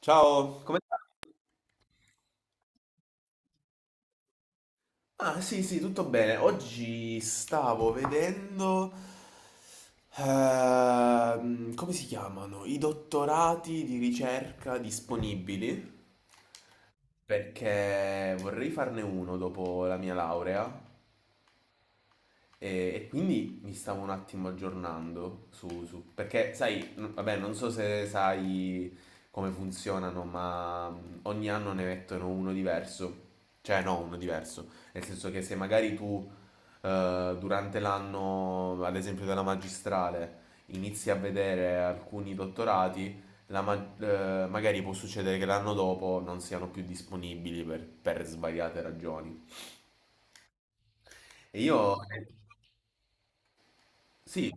Ciao! Come sta? Ah, sì, sì, tutto bene. Oggi stavo vedendo... come si chiamano? I dottorati di ricerca disponibili, perché vorrei farne uno dopo la mia laurea. E quindi mi stavo un attimo aggiornando perché sai, vabbè, non so se sai come funzionano, ma ogni anno ne mettono uno diverso. Cioè, no, uno diverso. Nel senso che se magari tu durante l'anno, ad esempio della magistrale, inizi a vedere alcuni dottorati, magari può succedere che l'anno dopo non siano più disponibili per svariate ragioni. E io mm. Sì,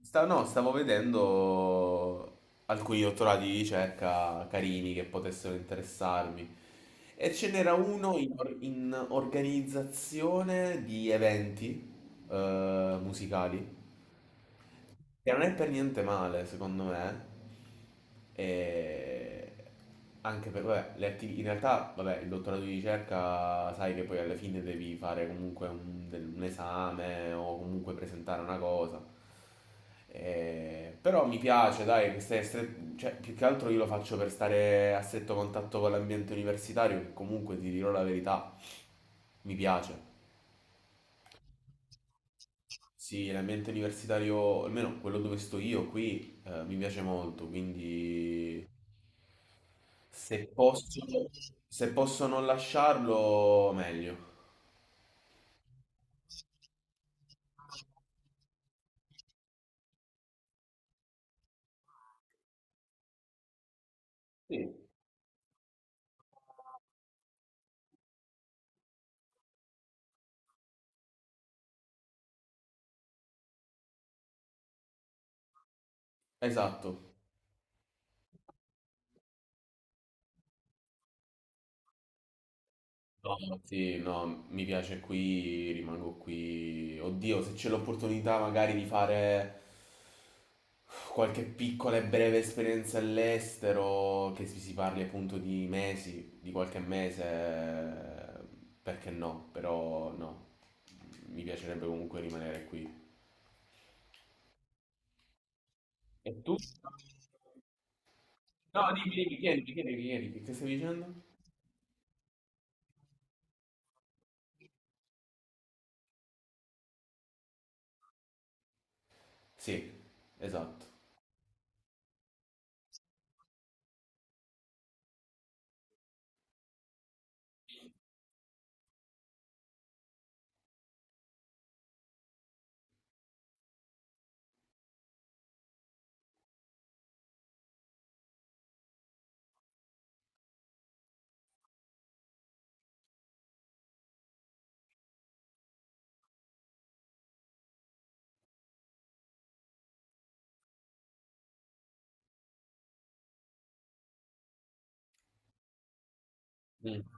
no, stavo vedendo alcuni dottorati di ricerca carini che potessero interessarmi. E ce n'era uno in, in organizzazione di eventi musicali. Che non è per niente male, secondo me. E anche per, vabbè, in realtà, vabbè, il dottorato di ricerca, sai che poi alla fine devi fare comunque un, un esame o comunque presentare una cosa. Però mi piace, dai, che cioè, più che altro io lo faccio per stare a stretto contatto con l'ambiente universitario, che comunque ti dirò la verità, mi piace. Sì, l'ambiente universitario, almeno quello dove sto io qui, mi piace molto, quindi se posso, se posso non lasciarlo, meglio. Sì. Esatto. No, sì, no, mi piace qui, rimango qui. Oddio, se c'è l'opportunità magari di fare qualche piccola e breve esperienza all'estero, che si parli appunto di mesi, di qualche mese, perché no? Però no, mi piacerebbe comunque rimanere qui. E tu? No, dimmi, dimmi, chiedi, chiedi, chiedi, che stavi dicendo? Sì, esatto. Mm.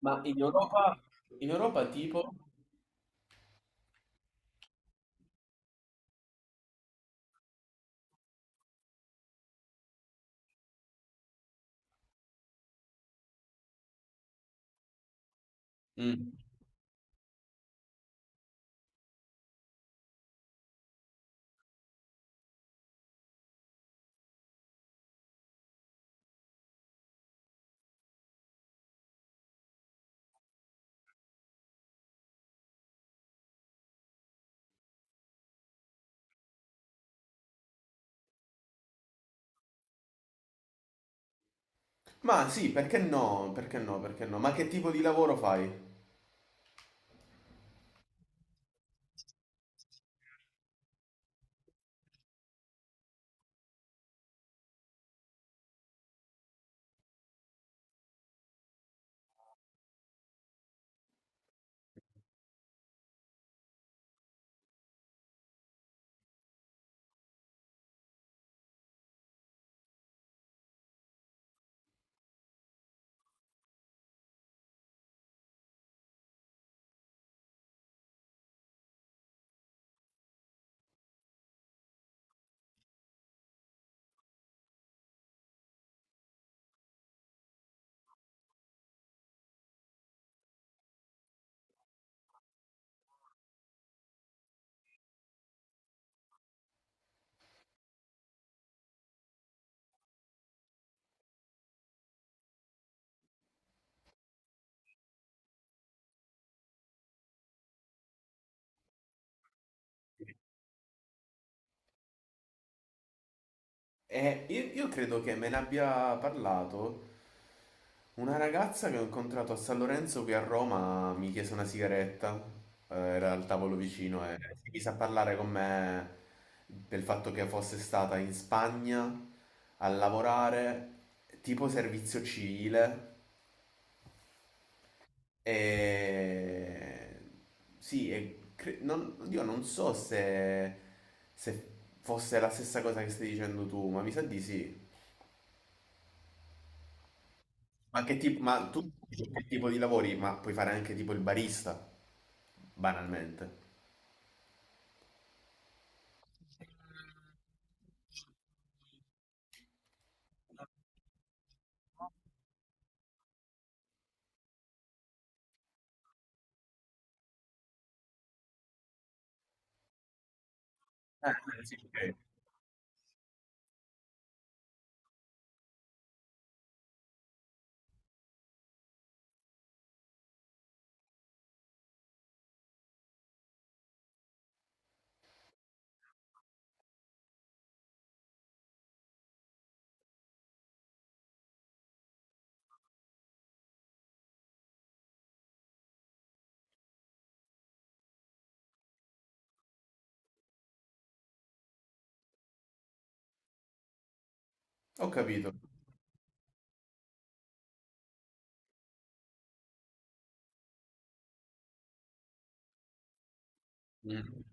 Ma in Europa tipo? Mm. Ma sì, perché no? Perché no? Perché no? Ma che tipo di lavoro fai? Io credo che me ne abbia parlato una ragazza che ho incontrato a San Lorenzo qui a Roma, mi chiese una sigaretta, era al tavolo vicino e si mise a parlare con me del fatto che fosse stata in Spagna a lavorare tipo servizio civile. E... Sì, e cre- non, oddio, non so se, se fosse la stessa cosa che stai dicendo tu, ma mi sa di sì. Ma, che tipo, ma tu dici che tipo di lavori? Ma puoi fare anche tipo il barista, banalmente. Ah, sì, ok. Ho capito. Mm.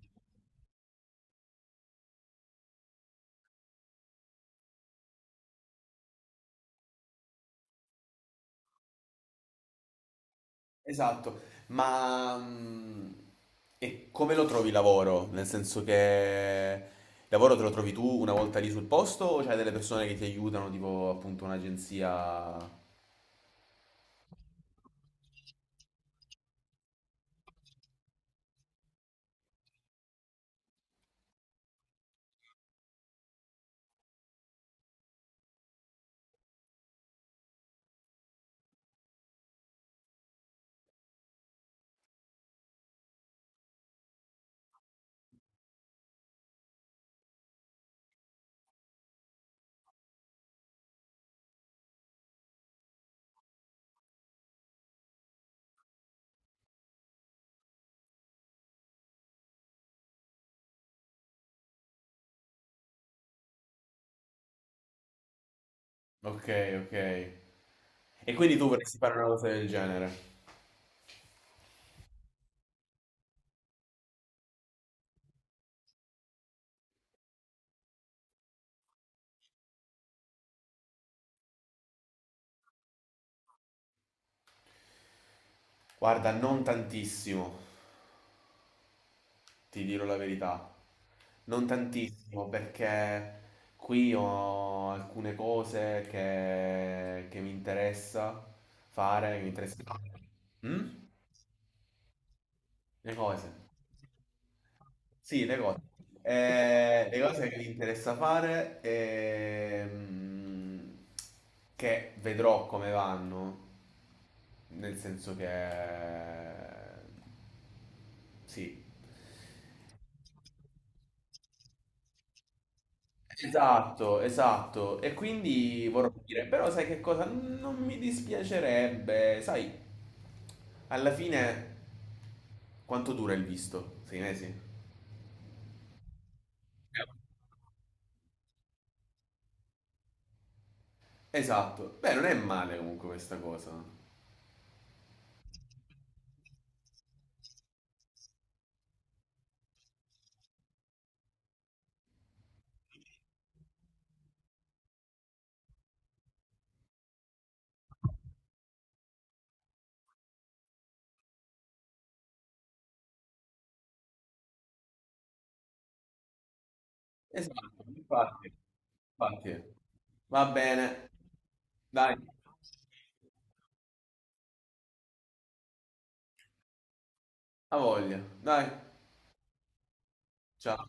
Esatto, ma e come lo trovi il lavoro? Nel senso che il lavoro te lo trovi tu una volta lì sul posto o c'hai delle persone che ti aiutano, tipo appunto un'agenzia? Ok, ok. E quindi tu vorresti fare una cosa del genere? Guarda, non tantissimo, ti dirò la verità. Non tantissimo, perché qui ho alcune cose che mi interessa fare, che mi interessa. Mm? Le cose. Sì, le cose. Le cose che mi interessa fare che vedrò come vanno, nel senso che sì. Esatto, esatto. E quindi vorrò dire, però sai che cosa? Non mi dispiacerebbe, sai, alla fine quanto dura il visto? Sei mesi? Esatto. Beh, non è male comunque questa cosa. Esatto, infatti, infatti. Va bene, dai, a voglia, dai, ciao.